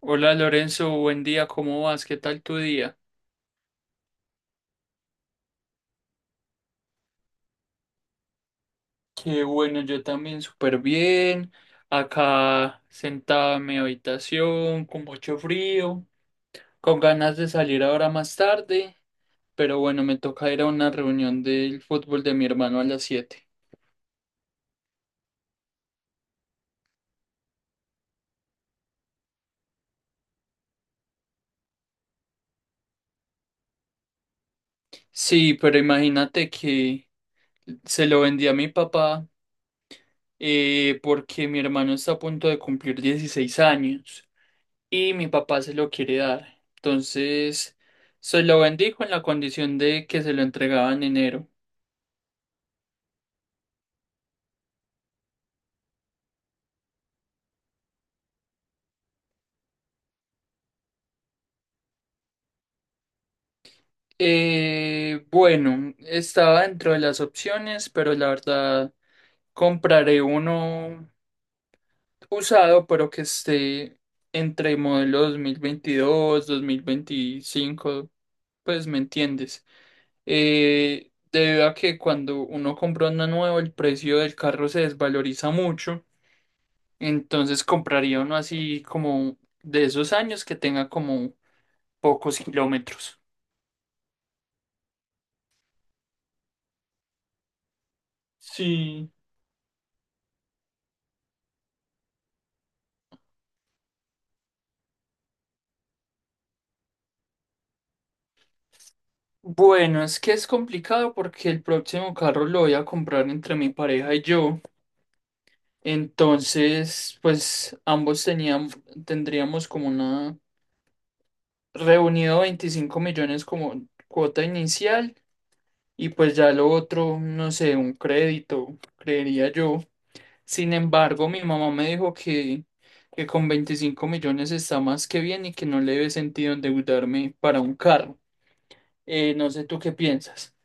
Hola Lorenzo, buen día, ¿cómo vas? ¿Qué tal tu día? Qué bueno, yo también súper bien. Acá sentado en mi habitación, con mucho frío, con ganas de salir ahora más tarde, pero bueno, me toca ir a una reunión del fútbol de mi hermano a las siete. Sí, pero imagínate que se lo vendí a mi papá porque mi hermano está a punto de cumplir 16 años y mi papá se lo quiere dar. Entonces, se lo bendijo en la condición de que se lo entregaba en enero. Bueno, estaba dentro de las opciones, pero la verdad compraré uno usado, pero que esté entre modelo 2022, 2025, pues me entiendes. Debido a que cuando uno compra uno nuevo, el precio del carro se desvaloriza mucho. Entonces compraría uno así como de esos años que tenga como pocos kilómetros. Sí. Bueno, es que es complicado porque el próximo carro lo voy a comprar entre mi pareja y yo. Entonces, pues tendríamos como una reunido 25 millones como cuota inicial y pues ya lo otro, no sé, un crédito, creería yo. Sin embargo, mi mamá me dijo que con 25 millones está más que bien y que no le ve sentido endeudarme para un carro. No sé tú qué piensas.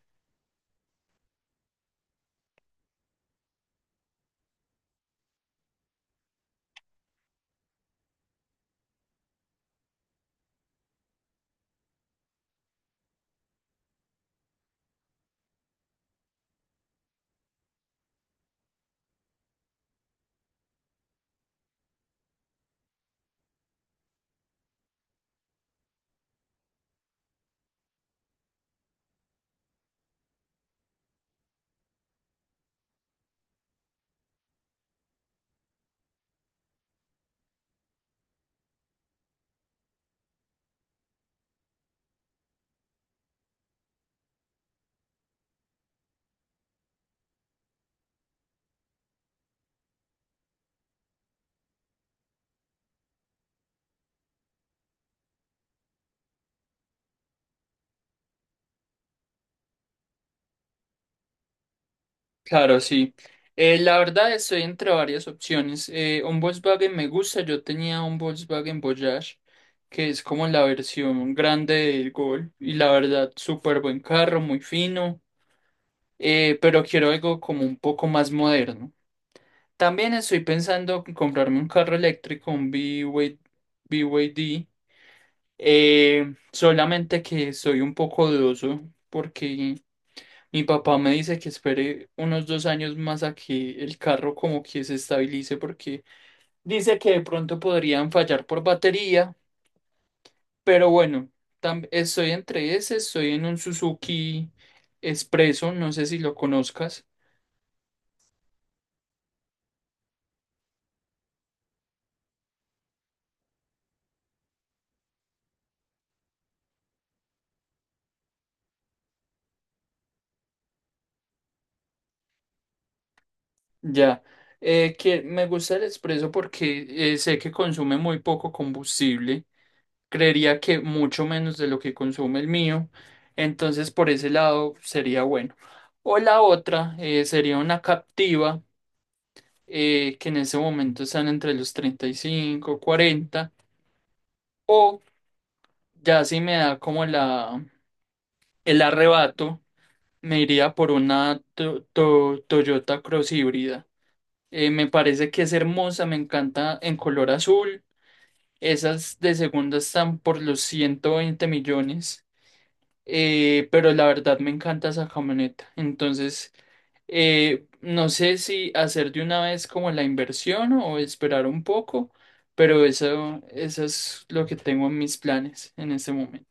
Claro, sí. La verdad estoy entre varias opciones. Un Volkswagen me gusta. Yo tenía un Volkswagen Voyage, que es como la versión grande del Gol. Y la verdad, súper buen carro, muy fino. Pero quiero algo como un poco más moderno. También estoy pensando en comprarme un carro eléctrico, un BY BYD, solamente que soy un poco dudoso porque mi papá me dice que espere unos dos años más a que el carro como que se estabilice porque dice que de pronto podrían fallar por batería, pero bueno, estoy entre ese, estoy en un Suzuki Expreso, no sé si lo conozcas. Ya, que me gusta el expreso porque sé que consume muy poco combustible, creería que mucho menos de lo que consume el mío, entonces por ese lado sería bueno. O la otra sería una Captiva que en ese momento están entre los treinta y cinco, 40 o ya si me da como el arrebato, me iría por una Toyota Cross híbrida. Me parece que es hermosa, me encanta en color azul. Esas de segunda están por los 120 millones, pero la verdad me encanta esa camioneta. Entonces, no sé si hacer de una vez como la inversión o esperar un poco, pero eso es lo que tengo en mis planes en este momento.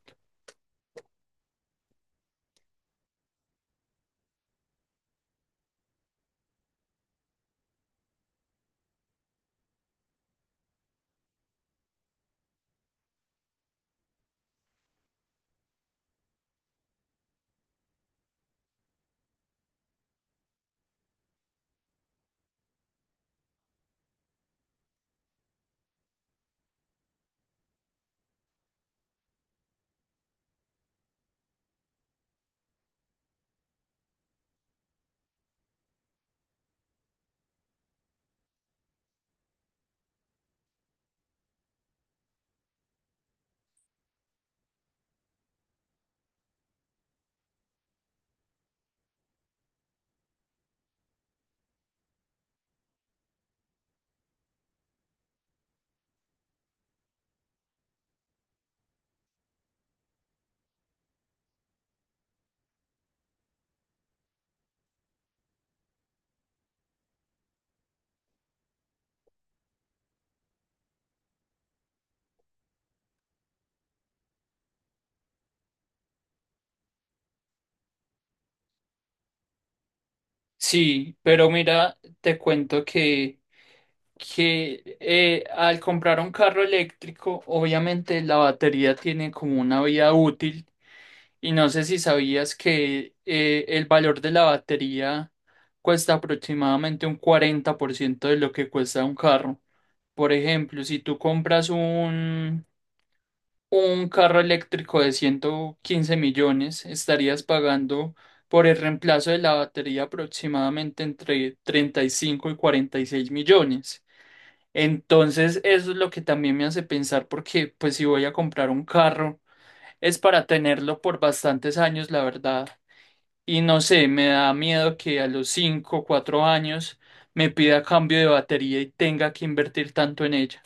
Sí, pero mira, te cuento que al comprar un carro eléctrico, obviamente la batería tiene como una vida útil. Y no sé si sabías que el valor de la batería cuesta aproximadamente un 40% de lo que cuesta un carro. Por ejemplo, si tú compras un carro eléctrico de 115 millones, estarías pagando por el reemplazo de la batería aproximadamente entre treinta y cinco y cuarenta y seis millones. Entonces, eso es lo que también me hace pensar porque, pues, si voy a comprar un carro, es para tenerlo por bastantes años, la verdad. Y no sé, me da miedo que a los 5 o 4 años me pida cambio de batería y tenga que invertir tanto en ella.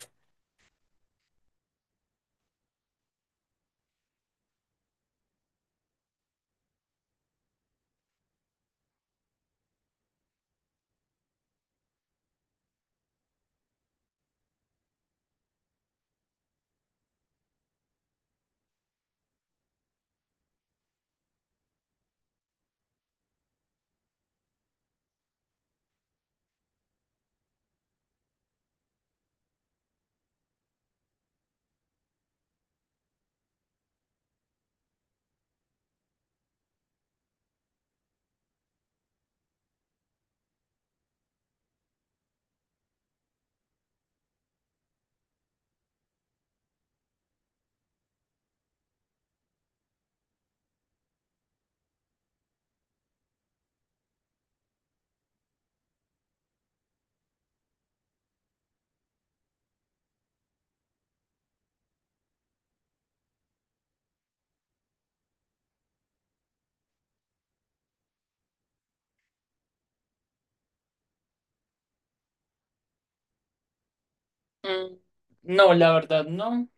Mm, no, la verdad no.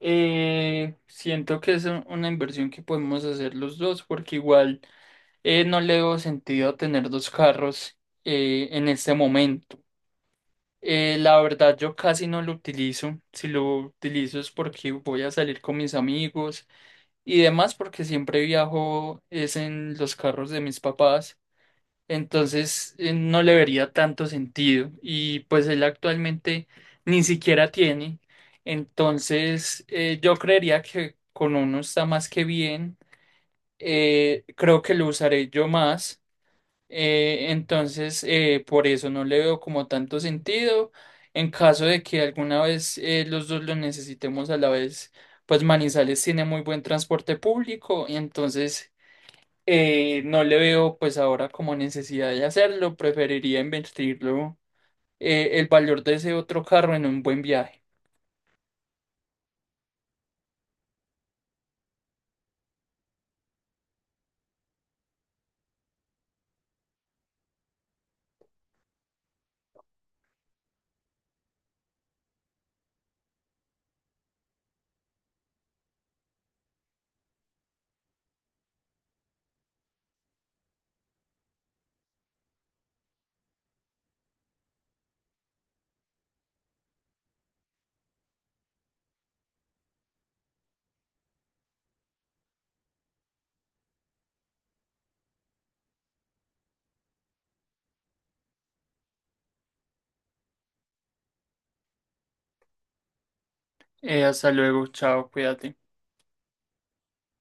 Siento que es un- Una inversión que podemos hacer los dos porque igual no le veo sentido tener dos carros en este momento. La verdad yo casi no lo utilizo. Si lo utilizo es porque voy a salir con mis amigos y demás porque siempre viajo es en los carros de mis papás. Entonces no le vería tanto sentido y pues él actualmente ni siquiera tiene. Entonces yo creería que con uno está más que bien. Creo que lo usaré yo más. Entonces por eso no le veo como tanto sentido. En caso de que alguna vez los dos lo necesitemos a la vez, pues Manizales tiene muy buen transporte público y entonces... No le veo pues ahora como necesidad de hacerlo, preferiría invertirlo, el valor de ese otro carro, en un buen viaje. Hasta luego, chao, cuídate.